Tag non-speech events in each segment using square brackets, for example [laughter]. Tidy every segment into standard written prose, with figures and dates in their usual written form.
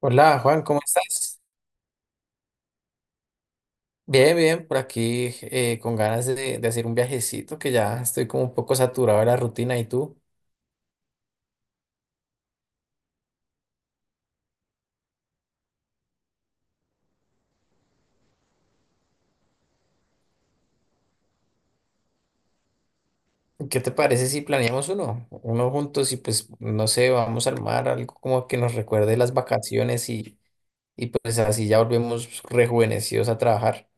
Hola, Juan, ¿cómo estás? Bien, bien, por aquí, con ganas de hacer un viajecito, que ya estoy como un poco saturado de la rutina. ¿Y tú? ¿Qué te parece si planeamos uno? Uno juntos y, pues no sé, vamos al mar, algo como que nos recuerde las vacaciones, y pues así ya volvemos rejuvenecidos a trabajar.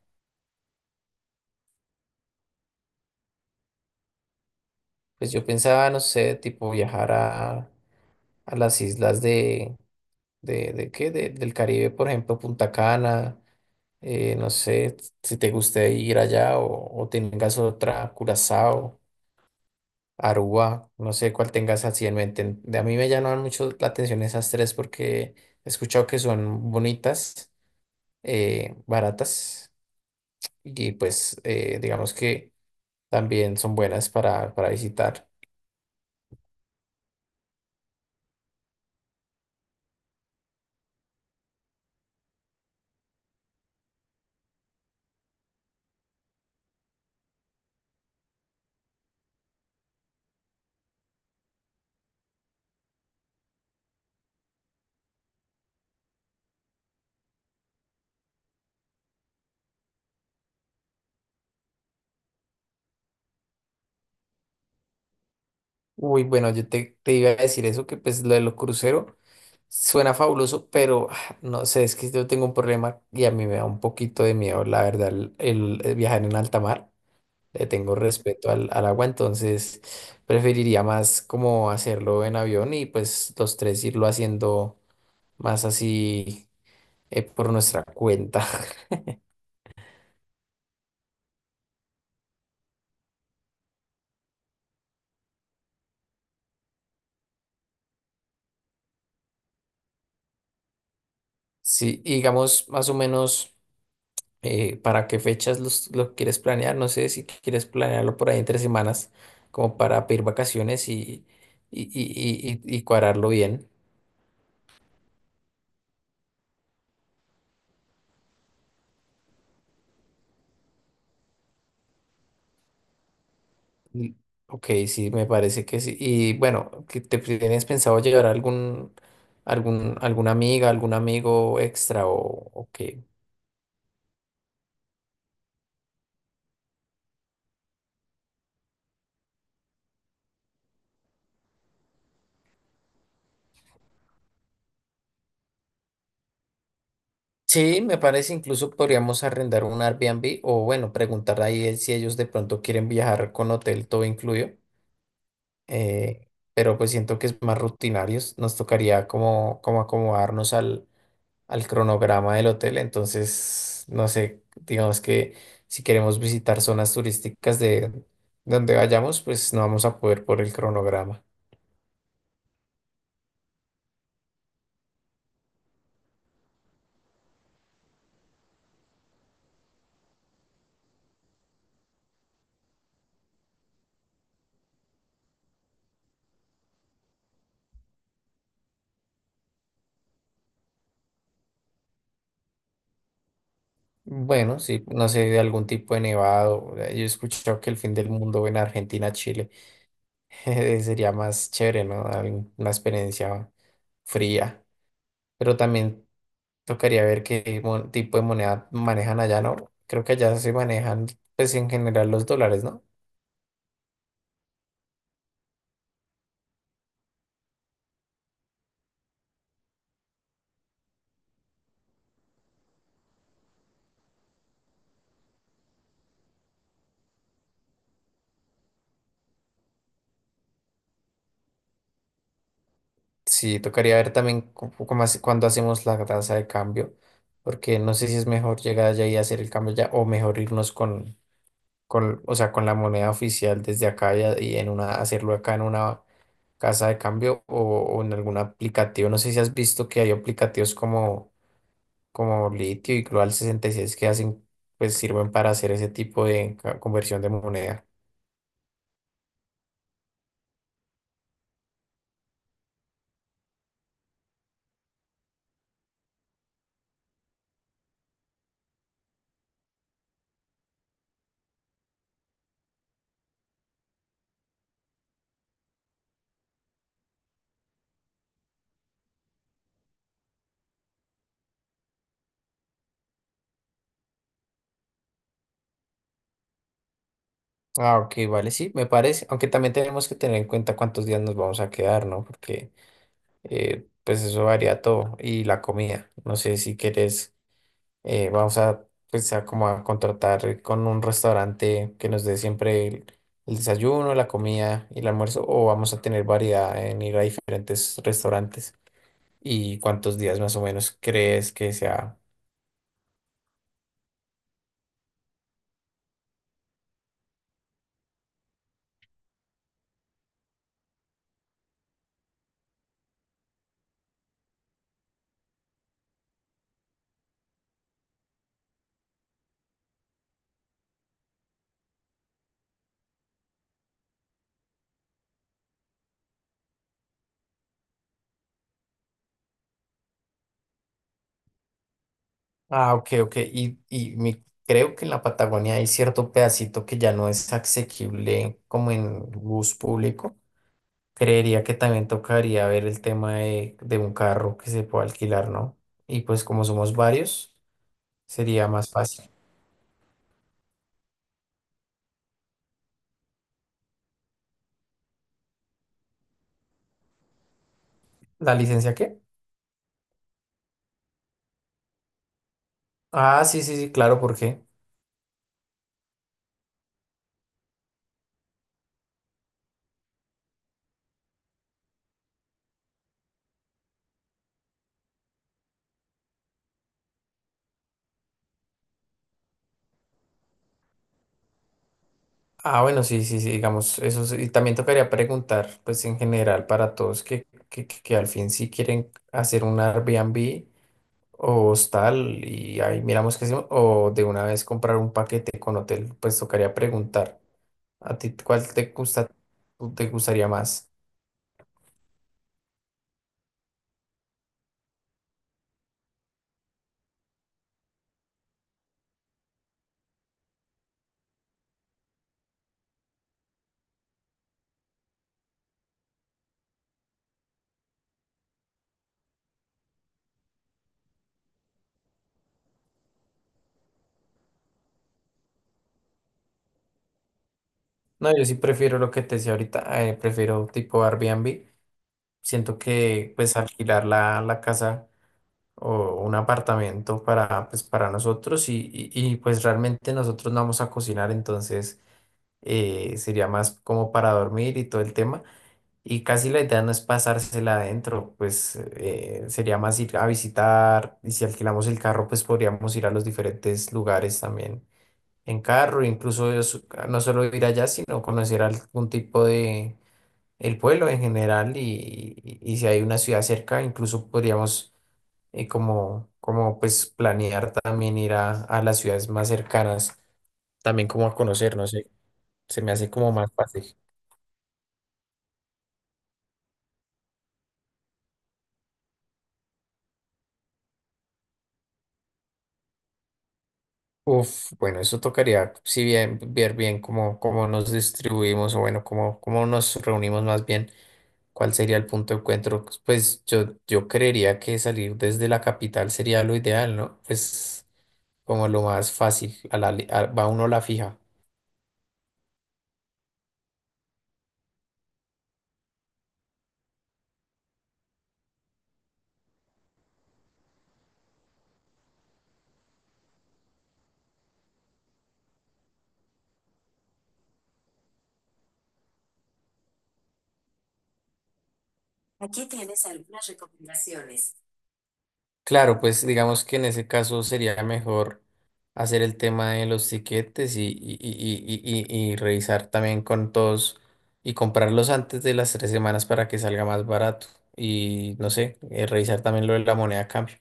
Pues yo pensaba, no sé, tipo viajar a las islas de. ¿De qué? Del Caribe, por ejemplo, Punta Cana. No sé si te guste ir allá, o tengas otra, Curazao, Aruba, no sé cuál tengas así en mente. De a mí me llaman mucho la atención esas tres porque he escuchado que son bonitas, baratas, y pues digamos que también son buenas para visitar. Uy, bueno, yo te iba a decir eso, que pues lo de los cruceros suena fabuloso, pero, no sé, es que yo tengo un problema y a mí me da un poquito de miedo, la verdad, el viajar en alta mar. Le tengo respeto al agua, entonces preferiría más como hacerlo en avión, y pues los tres irlo haciendo más así, por nuestra cuenta. [laughs] Sí, y digamos más o menos. ¿Para qué fechas lo quieres planear? No sé si quieres planearlo por ahí entre semanas, como para pedir vacaciones y, y cuadrarlo bien. Mm. Ok, sí, me parece que sí. Y bueno, ¿que ¿te tienes pensado llevar alguna amiga, algún amigo extra, o qué? Sí, me parece, incluso podríamos arrendar un Airbnb, o bueno, preguntar ahí el- si ellos de pronto quieren viajar con hotel todo incluido. eh, pero pues siento que es más rutinarios. Nos tocaría como, como acomodarnos al cronograma del hotel. Entonces, no sé, digamos que si queremos visitar zonas turísticas de donde vayamos, pues no vamos a poder por el cronograma. Bueno, sí, no sé, de algún tipo de nevado. Yo he escuchado que el fin del mundo en Argentina, Chile, [laughs] sería más chévere, ¿no? Algún- una experiencia fría. Pero también tocaría ver qué tipo de moneda manejan allá, ¿no? Creo que allá se manejan, pues en general, los dólares, ¿no? Sí, tocaría ver también cómo cuándo hacemos la tasa de cambio, porque no sé si es mejor llegar allá y hacer el cambio ya, o mejor irnos o sea, con la moneda oficial desde acá, y, y en una, hacerlo acá en una casa de cambio, o en algún aplicativo. No sé si has visto que hay aplicativos como Litio y Global 66, que hacen, pues sirven para hacer ese tipo de conversión de moneda. Ah, ok, vale, sí, me parece. Aunque también tenemos que tener en cuenta cuántos días nos vamos a quedar, ¿no? Porque, pues eso varía todo, y la comida. No sé si quieres, vamos a, pues a, como a contratar con un restaurante que nos dé siempre el desayuno, la comida y el almuerzo, o vamos a tener variedad en ir a diferentes restaurantes. ¿Y cuántos días más o menos crees que sea? Ah, ok, ok. Y mi- creo que en la Patagonia hay cierto pedacito que ya no es asequible como en bus público. Creería que también tocaría ver el tema de un carro que se pueda alquilar, ¿no? Y pues como somos varios, sería más fácil. ¿La licencia qué? Ah, sí, sí, sí, claro, ¿por qué? Ah, bueno, sí, sí, sí, digamos, eso sí. Y también tocaría preguntar, pues en general, para todos, que al fin si quieren hacer un Airbnb o hostal, y ahí miramos qué hacemos, o de una vez comprar un paquete con hotel, pues tocaría preguntar. ¿A ti cuál te gustaría más? No, yo sí prefiero lo que te decía ahorita, prefiero tipo Airbnb. Siento que pues alquilar la casa o un apartamento para, pues, para nosotros, pues realmente nosotros no vamos a cocinar, entonces sería más como para dormir y todo el tema. Y casi la idea no es pasársela adentro, pues sería más ir a visitar, y si alquilamos el carro, pues podríamos ir a los diferentes lugares también en carro, no solo ir allá, sino conocer algún tipo de el pueblo en general, y si hay una ciudad cerca, incluso podríamos, como pues planear también ir a las ciudades más cercanas, también como a conocer, no sé, se me hace como más fácil. Uf, bueno, eso tocaría, si bien, ver bien cómo nos distribuimos, o bueno, cómo nos reunimos más bien, cuál sería el punto de encuentro. Pues yo creería que salir desde la capital sería lo ideal, ¿no? Pues como lo más fácil, a la li- a- va uno a la fija. Claro, pues digamos que en ese caso sería mejor hacer el tema de los tiquetes, y, y revisar también con todos, y comprarlos antes de las 3 semanas para que salga más barato. Y no sé, revisar también lo de la moneda a cambio.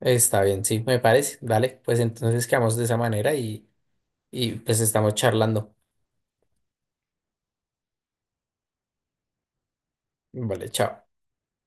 Está bien, sí, me parece. Vale, pues entonces quedamos de esa manera, y pues estamos charlando. Vale, chao.